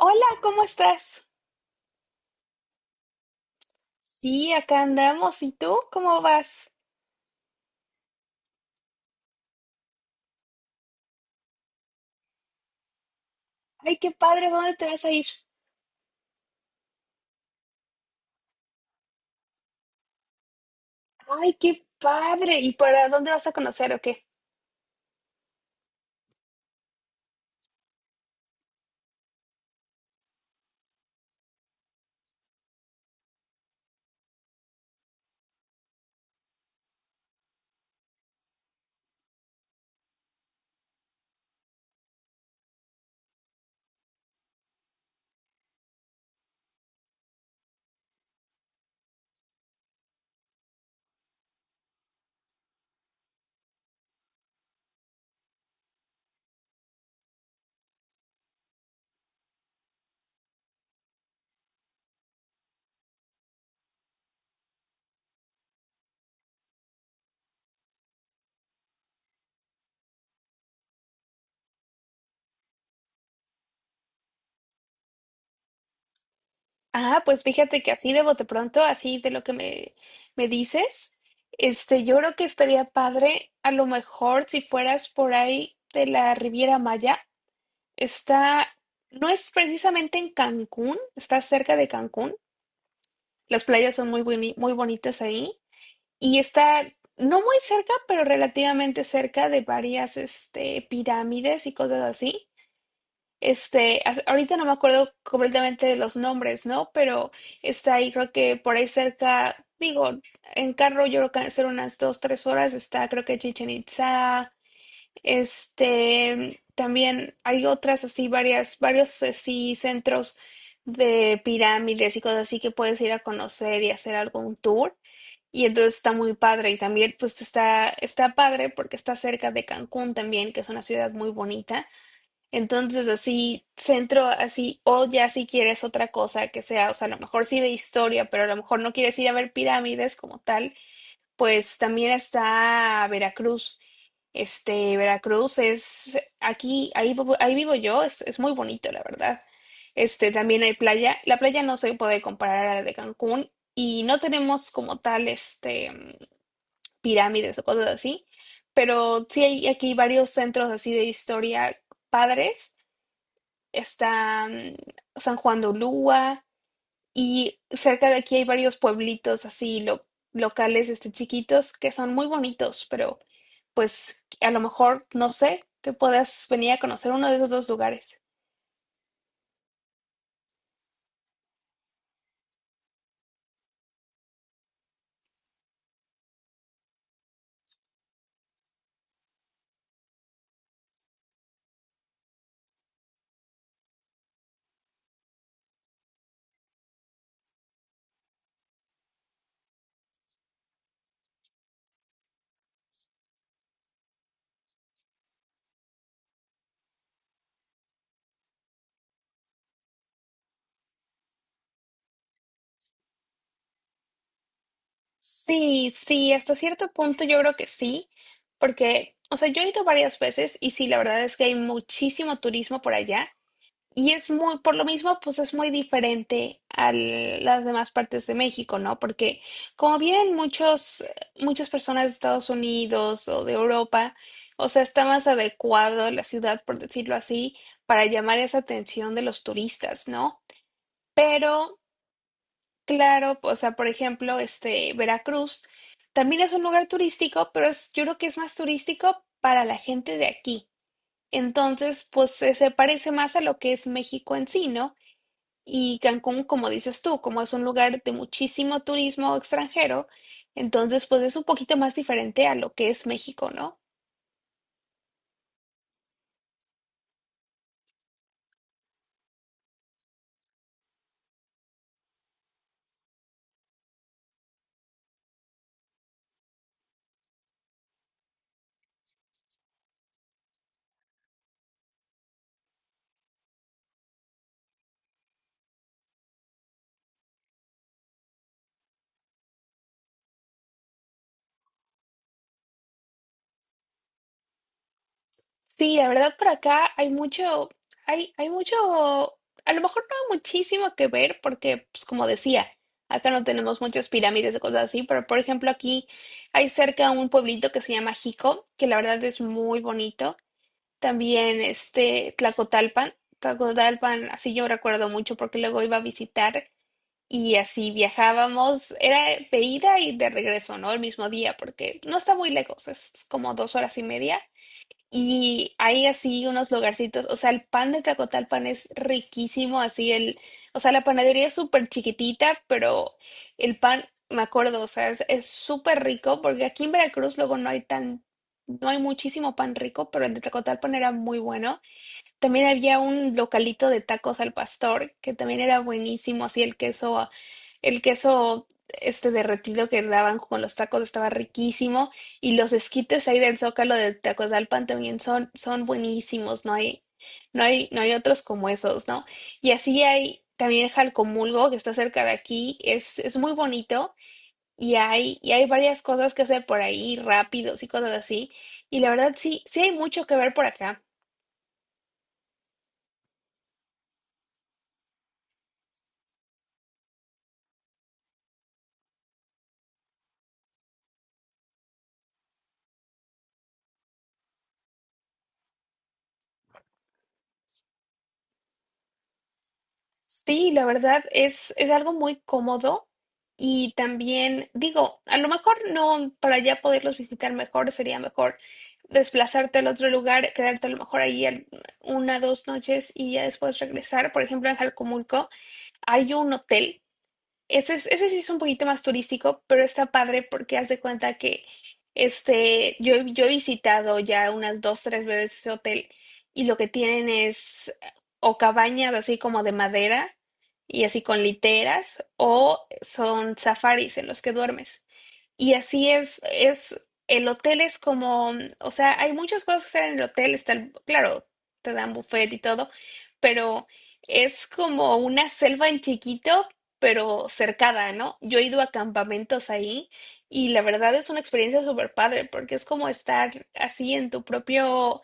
Hola, ¿cómo estás? Sí, acá andamos. ¿Y tú cómo vas? Ay, qué padre, ¿dónde te vas a ir? Ay, qué padre. ¿Y para dónde vas a conocer o qué? Ah, pues fíjate que así de bote pronto, así de lo que me dices, este, yo creo que estaría padre a lo mejor si fueras por ahí de la Riviera Maya. Está, no es precisamente en Cancún, está cerca de Cancún. Las playas son muy bonitas ahí. Y está no muy cerca, pero relativamente cerca de varias este, pirámides y cosas así. Este, ahorita no me acuerdo completamente de los nombres, ¿no? Pero está ahí, creo que por ahí cerca, digo, en carro yo creo que hacer unas dos, tres horas está, creo que Chichen Itza. Este, también hay otras así, varias, varios así centros de pirámides y cosas así que puedes ir a conocer y hacer algún tour. Y entonces está muy padre. Y también pues está padre porque está cerca de Cancún también, que es una ciudad muy bonita. Entonces así, centro así, o ya si quieres otra cosa que sea, o sea, a lo mejor sí de historia, pero a lo mejor no quieres ir a ver pirámides como tal, pues también está Veracruz. Este, Veracruz es aquí, ahí, ahí vivo yo, es muy bonito, la verdad. Este, también hay playa. La playa no se puede comparar a la de Cancún y no tenemos como tal, este, pirámides o cosas así, pero sí hay aquí varios centros así de historia padres. Está San Juan de Ulúa, y cerca de aquí hay varios pueblitos así locales, este, chiquitos, que son muy bonitos, pero pues a lo mejor, no sé, que puedas venir a conocer uno de esos dos lugares. Sí, sí, hasta cierto punto yo creo que sí, porque, o sea, yo he ido varias veces y sí, la verdad es que hay muchísimo turismo por allá. Y es muy, por lo mismo, pues es muy diferente a las demás partes de México, ¿no? Porque como vienen muchas personas de Estados Unidos o de Europa, o sea, está más adecuado la ciudad, por decirlo así, para llamar esa atención de los turistas, ¿no? Pero, claro, o sea, por ejemplo, este, Veracruz también es un lugar turístico, pero es, yo creo que es más turístico para la gente de aquí. Entonces, pues se parece más a lo que es México en sí, ¿no? Y Cancún, como dices tú, como es un lugar de muchísimo turismo extranjero, entonces pues es un poquito más diferente a lo que es México, ¿no? Sí, la verdad por acá hay mucho, hay mucho, a lo mejor no muchísimo que ver porque, pues como decía, acá no tenemos muchas pirámides y cosas así, pero por ejemplo aquí hay cerca un pueblito que se llama Jico, que la verdad es muy bonito. También este Tlacotalpan, Tlacotalpan, así yo recuerdo mucho porque luego iba a visitar. Y así viajábamos, era de ida y de regreso, ¿no? El mismo día, porque no está muy lejos, es como 2 horas y media. Y hay así unos lugarcitos, o sea, el pan de Tacotalpan es riquísimo, así el, o sea, la panadería es súper chiquitita, pero el pan, me acuerdo, o sea, es súper rico, porque aquí en Veracruz luego no hay tan, no hay muchísimo pan rico, pero el de Tacotalpan era muy bueno. También había un localito de tacos al pastor, que también era buenísimo, así el queso, este derretido que daban con los tacos estaba riquísimo, y los esquites ahí del Zócalo de Tacozalpan también son buenísimos, no hay otros como esos, ¿no? Y así hay también Jalcomulgo, que está cerca de aquí, es muy bonito, y hay varias cosas que hacer por ahí, rápidos y cosas así, y la verdad sí, sí hay mucho que ver por acá. Sí, la verdad es algo muy cómodo y también digo, a lo mejor no para ya poderlos visitar mejor, sería mejor desplazarte al otro lugar, quedarte a lo mejor ahí una, dos noches y ya después regresar. Por ejemplo, en Jalcomulco hay un hotel ese, ese sí es un poquito más turístico, pero está padre porque haz de cuenta que este, yo he visitado ya unas dos, tres veces ese hotel y lo que tienen es o cabañas así como de madera y así con literas o son safaris en los que duermes. Y así es, el hotel es como, o sea, hay muchas cosas que hacer en el hotel, está claro, te dan buffet y todo, pero es como una selva en chiquito, pero cercada, ¿no? Yo he ido a campamentos ahí y la verdad es una experiencia súper padre porque es como estar así en tu propio,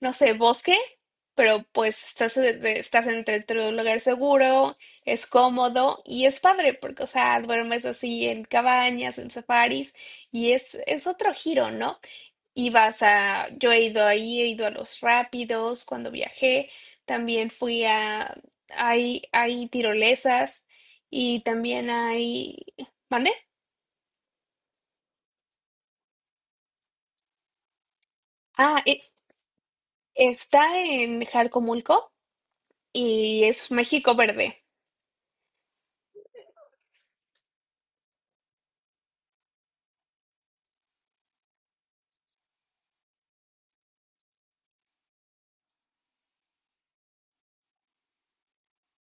no sé, bosque, pero pues estás, estás dentro de un lugar seguro, es cómodo y es padre porque, o sea, duermes así en cabañas, en safaris y es otro giro, ¿no? Y vas a, yo he ido ahí, he ido a los rápidos cuando viajé, también fui a, hay tirolesas y también hay, ¿mande? Ah, está en Jarcomulco y es México Verde.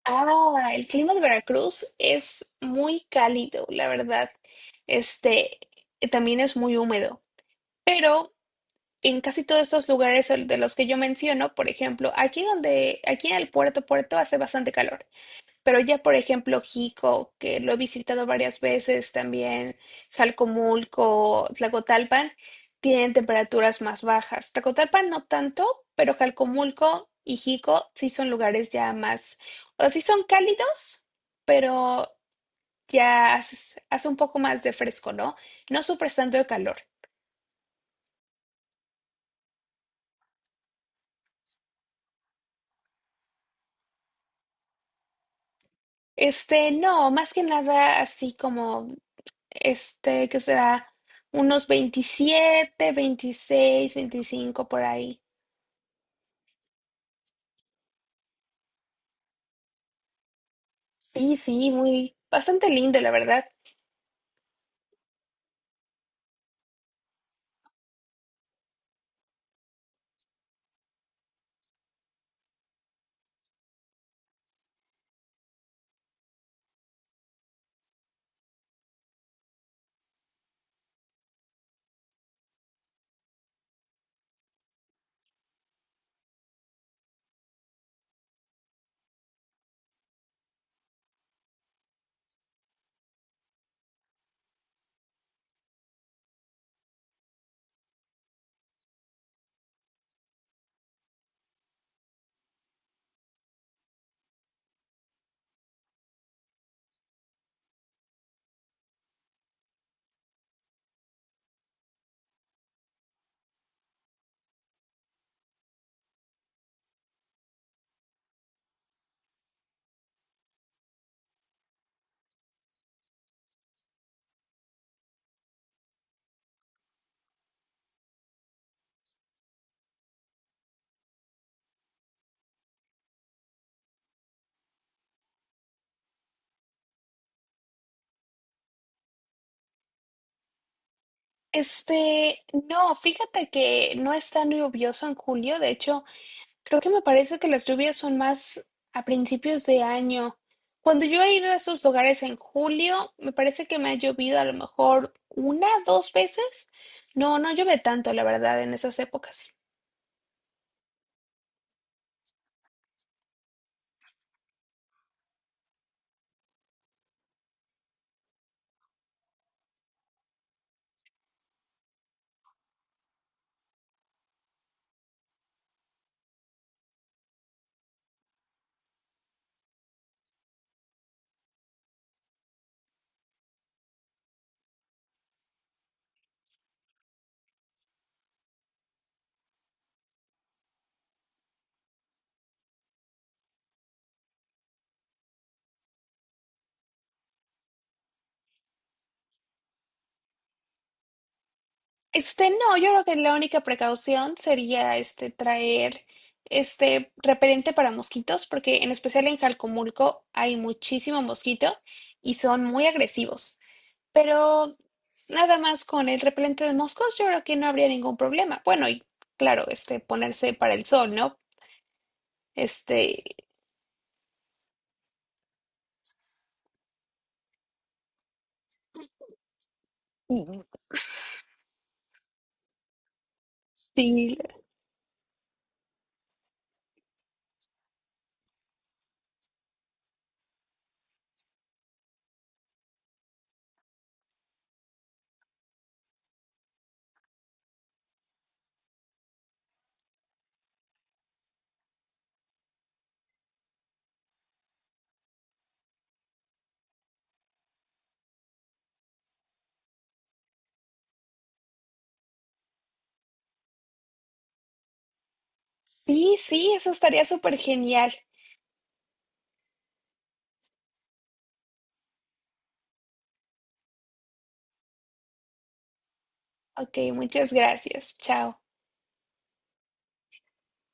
Ah, el clima de Veracruz es muy cálido, la verdad. Este, también es muy húmedo, pero en casi todos estos lugares de los que yo menciono, por ejemplo, aquí donde, aquí en el puerto, puerto hace bastante calor. Pero ya, por ejemplo, Jico, que lo he visitado varias veces también, Jalcomulco, Tlacotalpan, tienen temperaturas más bajas. Tlacotalpan no tanto, pero Jalcomulco y Jico sí son lugares ya más, o sea, sí son cálidos, pero ya hace un poco más de fresco, ¿no? No sufres tanto de calor. Este, no, más que nada así como, este, que será unos 27 26 25 por ahí. Sí, sí, muy, bastante lindo, la verdad. Este, no, fíjate que no es tan lluvioso en julio, de hecho, creo que me parece que las lluvias son más a principios de año. Cuando yo he ido a estos lugares en julio, me parece que me ha llovido a lo mejor una, dos veces. No, no llueve tanto, la verdad, en esas épocas. Este, no, yo creo que la única precaución sería este traer este repelente para mosquitos, porque en especial en Jalcomulco hay muchísimo mosquito y son muy agresivos. Pero nada más con el repelente de moscos, yo creo que no habría ningún problema. Bueno, y claro, este ponerse para el sol, ¿no? Este, mm, sí, sí, sí, eso estaría súper genial. Ok, muchas gracias. Chao.